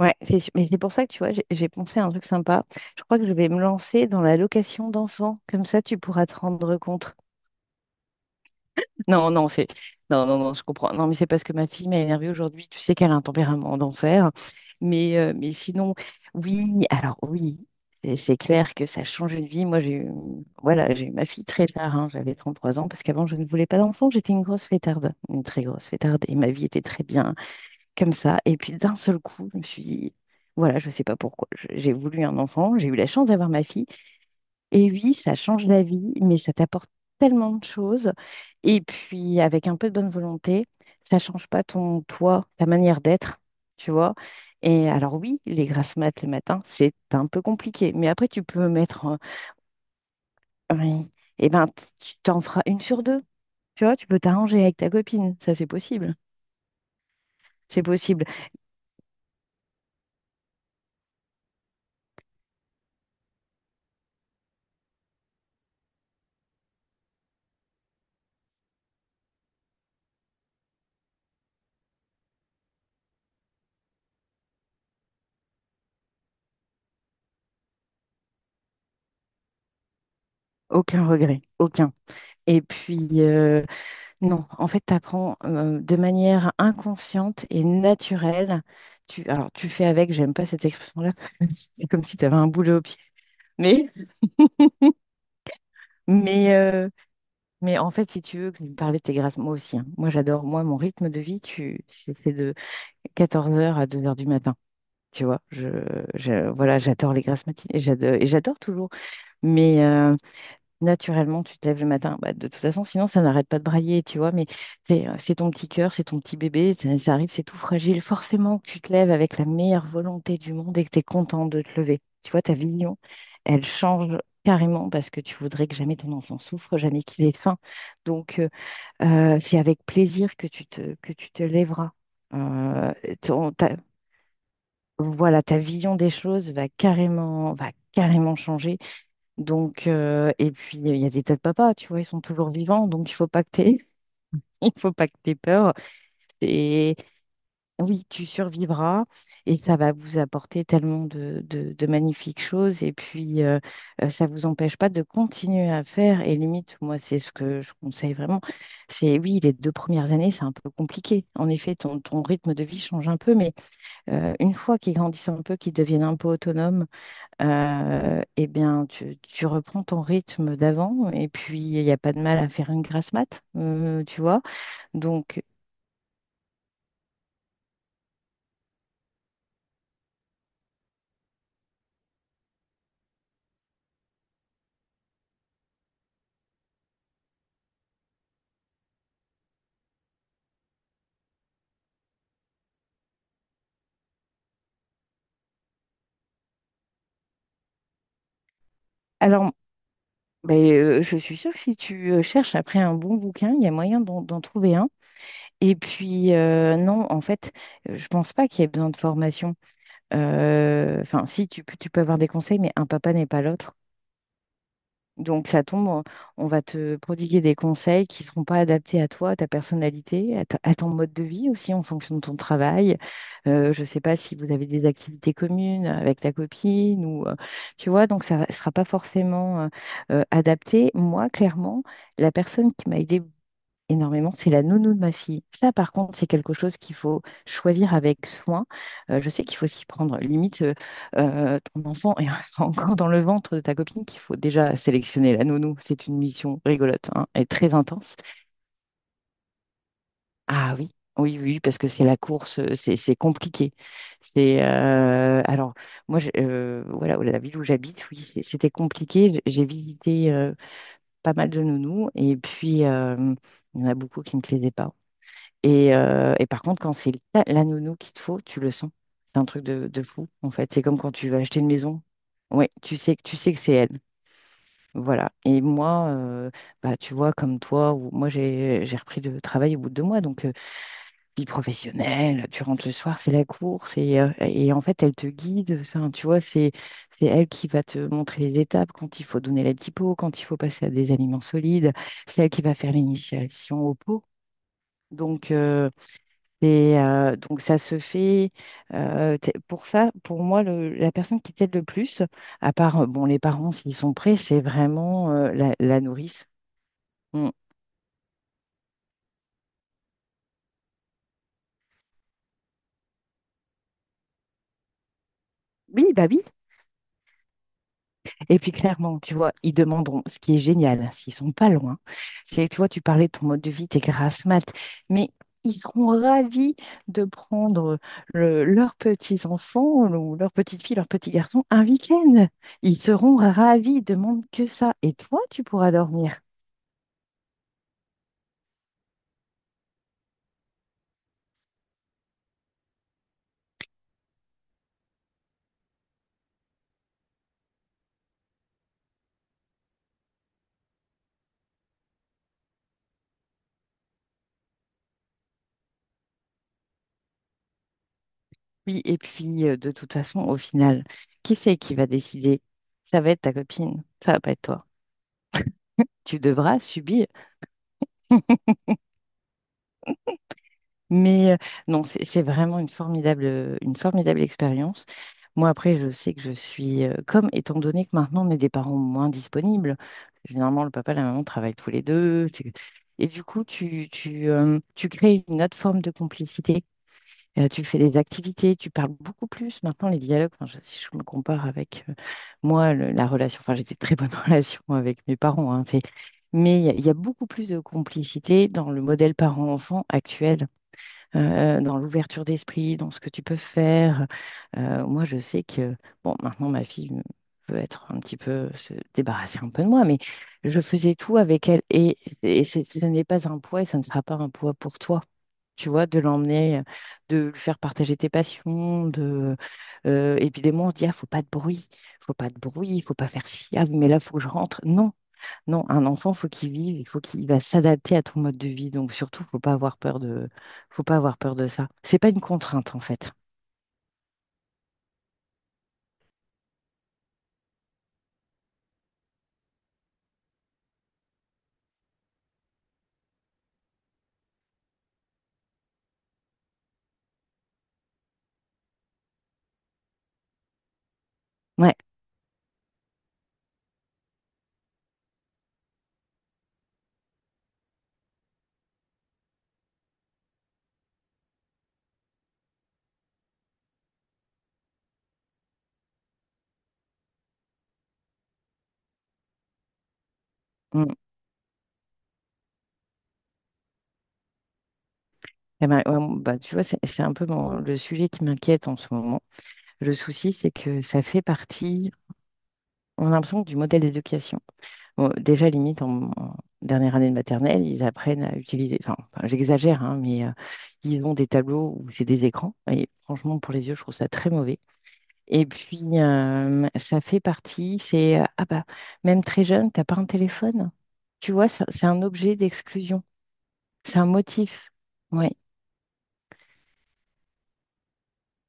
Mais c'est pour ça que tu vois, j'ai pensé à un truc sympa. Je crois que je vais me lancer dans la location d'enfants. Comme ça, tu pourras te rendre compte. Non, non, c'est. Non, non, non, je comprends. Non, mais c'est parce que ma fille m'a énervée aujourd'hui. Tu sais qu'elle a un tempérament d'enfer. Mais sinon, oui, alors oui, c'est clair que ça change une vie. Moi, j'ai eu, voilà, j'ai eu ma fille très tard, hein. J'avais 33 ans parce qu'avant, je ne voulais pas d'enfant. J'étais une grosse fêtarde, une très grosse fêtarde. Et ma vie était très bien comme ça. Et puis d'un seul coup, je me suis dit, voilà, je ne sais pas pourquoi. J'ai voulu un enfant, j'ai eu la chance d'avoir ma fille. Et oui, ça change la vie, mais ça t'apporte tellement de choses. Et puis, avec un peu de bonne volonté, ça ne change pas ton toi, ta manière d'être, tu vois. Et alors oui, les grasses mat le matin, c'est un peu compliqué. Mais après, tu peux mettre, oui, et ben, tu t'en feras une sur deux. Tu vois, tu peux t'arranger avec ta copine. Ça, c'est possible. C'est possible. Aucun regret. Aucun. Et puis, non, en fait, tu apprends de manière inconsciente et naturelle. Tu, alors, tu fais avec, j'aime pas cette expression-là, parce que c'est comme si tu avais un boulet au pied. Mais, mais, euh, mais en fait, si tu veux que je parlais de tes grâces, moi aussi, hein. Moi, j'adore, moi, mon rythme de vie, tu, c'est de 14 heures à 2 heures du matin. Tu vois, je, voilà, j'adore les grâces matinées, et j'adore toujours. Mais, naturellement, tu te lèves le matin. Bah, de toute façon, sinon, ça n'arrête pas de brailler, tu vois. Mais c'est ton petit cœur, c'est ton petit bébé, ça arrive, c'est tout fragile. Forcément que tu te lèves avec la meilleure volonté du monde et que tu es content de te lever. Tu vois, ta vision, elle change carrément parce que tu voudrais que jamais ton enfant souffre, jamais qu'il ait faim. Donc, c'est avec plaisir que que tu te lèveras. Euh, ton- ta- voilà, ta vision des choses va carrément changer. Donc, et puis, il y a des tas de papas, tu vois, ils sont toujours vivants, donc il faut pas que t'aies, il faut pas que t'aies peur. Et oui, tu survivras et ça va vous apporter tellement de magnifiques choses. Et puis, ça vous empêche pas de continuer à faire. Et limite, moi, c'est ce que je conseille vraiment. C'est oui, les 2 premières années, c'est un peu compliqué. En effet, ton rythme de vie change un peu, mais une fois qu'ils grandissent un peu, qu'ils deviennent un peu autonomes, eh bien, tu reprends ton rythme d'avant et puis il n'y a pas de mal à faire une grasse mat, tu vois. Donc, alors, ben, je suis sûre que si tu cherches après un bon bouquin, il y a moyen d'en trouver un. Et puis, non, en fait, je pense pas qu'il y ait besoin de formation. Enfin, si, tu peux avoir des conseils, mais un papa n'est pas l'autre. Donc ça tombe, on va te prodiguer des conseils qui ne seront pas adaptés à toi, à ta personnalité, à, à ton mode de vie aussi en fonction de ton travail. Je ne sais pas si vous avez des activités communes avec ta copine ou tu vois, donc ça ne sera pas forcément adapté. Moi, clairement, la personne qui m'a aidée énormément, c'est la nounou de ma fille. Ça, par contre, c'est quelque chose qu'il faut choisir avec soin. Je sais qu'il faut s'y prendre. Limite, ton enfant est encore dans le ventre de ta copine qu'il faut déjà sélectionner la nounou. C'est une mission rigolote, hein, et très intense. Ah oui, oui, oui, parce que c'est la course, c'est compliqué. C'est Alors moi, voilà, la ville où j'habite, oui, c'était compliqué. J'ai visité pas mal de nounous, et puis il y en a beaucoup qui ne me plaisaient pas. Et par contre, quand c'est la nounou qu'il te faut, tu le sens. C'est un truc de fou, en fait. C'est comme quand tu vas acheter une maison. Ouais, tu sais, tu sais que c'est elle. Voilà. Et moi, bah, tu vois, comme toi, moi, j'ai repris le travail au bout de 2 mois. Donc, vie professionnelle, tu rentres le soir, c'est la course. Et en fait, elle te guide. Enfin, tu vois, c'est elle qui va te montrer les étapes, quand il faut donner la typo, quand il faut passer à des aliments solides. C'est elle qui va faire l'initiation au pot. Donc, donc ça se fait pour ça, pour moi, la personne qui t'aide le plus, à part bon, les parents s'ils sont prêts, c'est vraiment la nourrice. Mm. Oui, bah oui. Et puis clairement, tu vois, ils demanderont, ce qui est génial, s'ils sont pas loin. C'est, tu vois, tu parlais de ton mode de vie, tes grasses mat, mais ils seront ravis de prendre leurs petits-enfants ou leurs petites filles, leurs petits garçons un week-end. Ils seront ravis, ils demandent que ça. Et toi, tu pourras dormir. Oui, et puis de toute façon, au final, qui c'est qui va décider? Ça va être ta copine, ça va pas être toi. Tu devras subir. Mais non, c'est vraiment une formidable expérience. Moi, après, je sais que je suis comme, étant donné que maintenant on est des parents moins disponibles, généralement le papa et la maman travaillent tous les deux. Et du coup, tu crées une autre forme de complicité. Tu fais des activités, tu parles beaucoup plus. Maintenant, les dialogues, enfin, si je me compare avec moi, la relation, enfin, j'étais très bonne relation avec mes parents, hein, mais il y a beaucoup plus de complicité dans le modèle parent-enfant actuel, dans l'ouverture d'esprit, dans ce que tu peux faire. Moi, je sais que, bon, maintenant, ma fille peut être un petit peu, se débarrasser un peu de moi, mais je faisais tout avec elle et, ce n'est pas un poids et ça ne sera pas un poids pour toi, tu vois, de l'emmener, de lui faire partager tes passions, de évidemment on se dit ah faut pas de bruit, faut pas de bruit, faut pas faire ci, ah oui, mais là faut que je rentre. Non, non, un enfant faut qu'il vive, il faut qu'il va s'adapter à ton mode de vie, donc surtout faut pas avoir peur de ça. C'est pas une contrainte en fait. Ouais. Mm. Eh ben, ouais, bah, tu vois, c'est un peu le sujet qui m'inquiète en ce moment. Le souci, c'est que ça fait partie, on a l'impression, du modèle d'éducation. Bon, déjà, limite, en dernière année de maternelle, ils apprennent à utiliser, enfin, j'exagère, hein, mais ils ont des tableaux où c'est des écrans. Et franchement, pour les yeux, je trouve ça très mauvais. Et puis, ça fait partie, c'est, ah bah, même très jeune, t'as pas un téléphone. Tu vois, c'est un objet d'exclusion. C'est un motif. Ouais.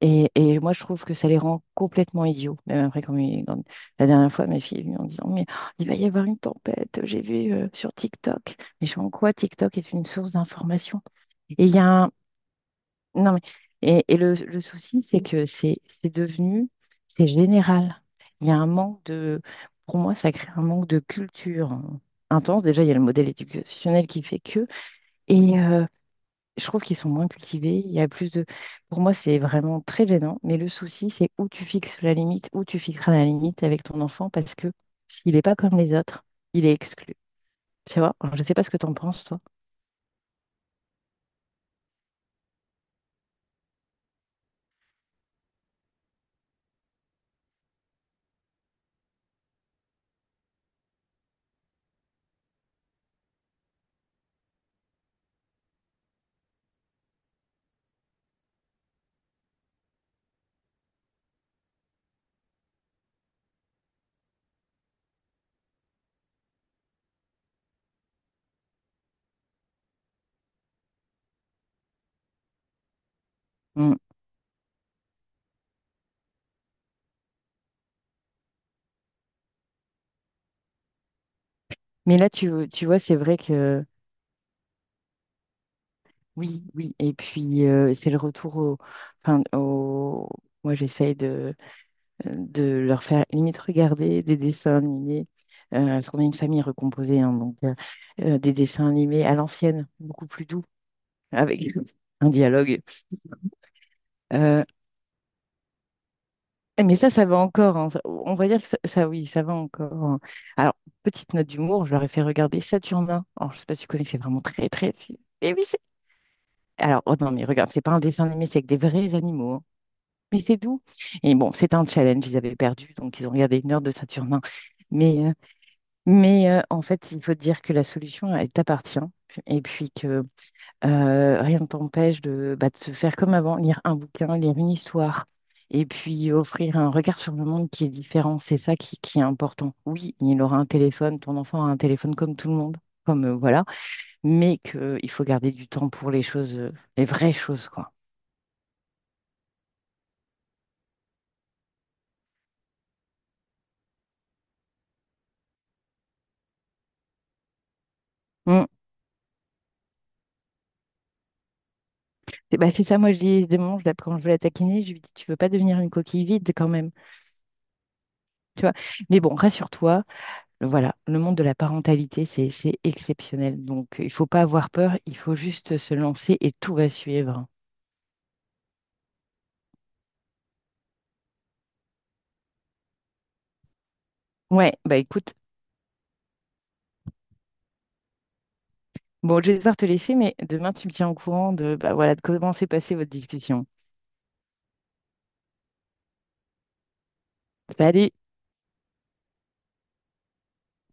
Et moi, je trouve que ça les rend complètement idiots. Même après, comme la dernière fois, mes filles est en disant, mais oh, il va y avoir une tempête, j'ai vu sur TikTok. Mais je suis en quoi TikTok est une source d'information? Et il y a un... Non, mais... Et le souci, c'est que c'est devenu... C'est général. Il y a un manque de... Pour moi, ça crée un manque de culture, hein, intense. Déjà, il y a le modèle éducationnel qui fait que... Et, je trouve qu'ils sont moins cultivés. Il y a plus de. Pour moi, c'est vraiment très gênant. Mais le souci, c'est où tu fixes la limite, où tu fixeras la limite avec ton enfant, parce que s'il n'est pas comme les autres, il est exclu. Tu vois? Alors, je ne sais pas ce que tu en penses, toi. Mm. Mais là, tu vois, c'est vrai que oui, oui. Et puis, c'est le retour au. Enfin, au... Moi, j'essaye de leur faire limite regarder des dessins animés. Parce qu'on est une famille recomposée, hein, donc des dessins animés à l'ancienne, beaucoup plus doux avec un dialogue. Euh, mais ça va encore, hein. On va dire que ça, oui, ça va encore, hein. Alors, petite note d'humour, je leur ai fait regarder Saturnin. Alors, je sais pas si tu connais, c'est vraiment très, très. Et oui, c'est. Alors, oh non, mais regarde, c'est pas un dessin animé, c'est avec des vrais animaux, hein. Mais c'est doux. Et bon, c'est un challenge, ils avaient perdu, donc ils ont regardé 1 heure de Saturnin. Mais, en fait, il faut dire que la solution, elle t'appartient. Et puis que rien ne t'empêche bah, de se faire comme avant, lire un bouquin, lire une histoire, et puis offrir un regard sur le monde qui est différent. C'est ça qui est important. Oui, il aura un téléphone, ton enfant aura un téléphone comme tout le monde, comme voilà, mais qu'il faut garder du temps pour les choses, les vraies choses, quoi. Mm. Et bah, c'est ça, moi je dis, des moments, quand je veux la taquiner, je lui dis, tu veux pas devenir une coquille vide quand même, tu vois. Mais bon, rassure-toi, voilà, le monde de la parentalité, c'est exceptionnel. Donc, il faut pas avoir peur, il faut juste se lancer et tout va suivre. Ouais, bah écoute, bon, je vais devoir te laisser, mais demain, tu me tiens au courant de, bah, voilà, de comment s'est passée votre discussion. Salut!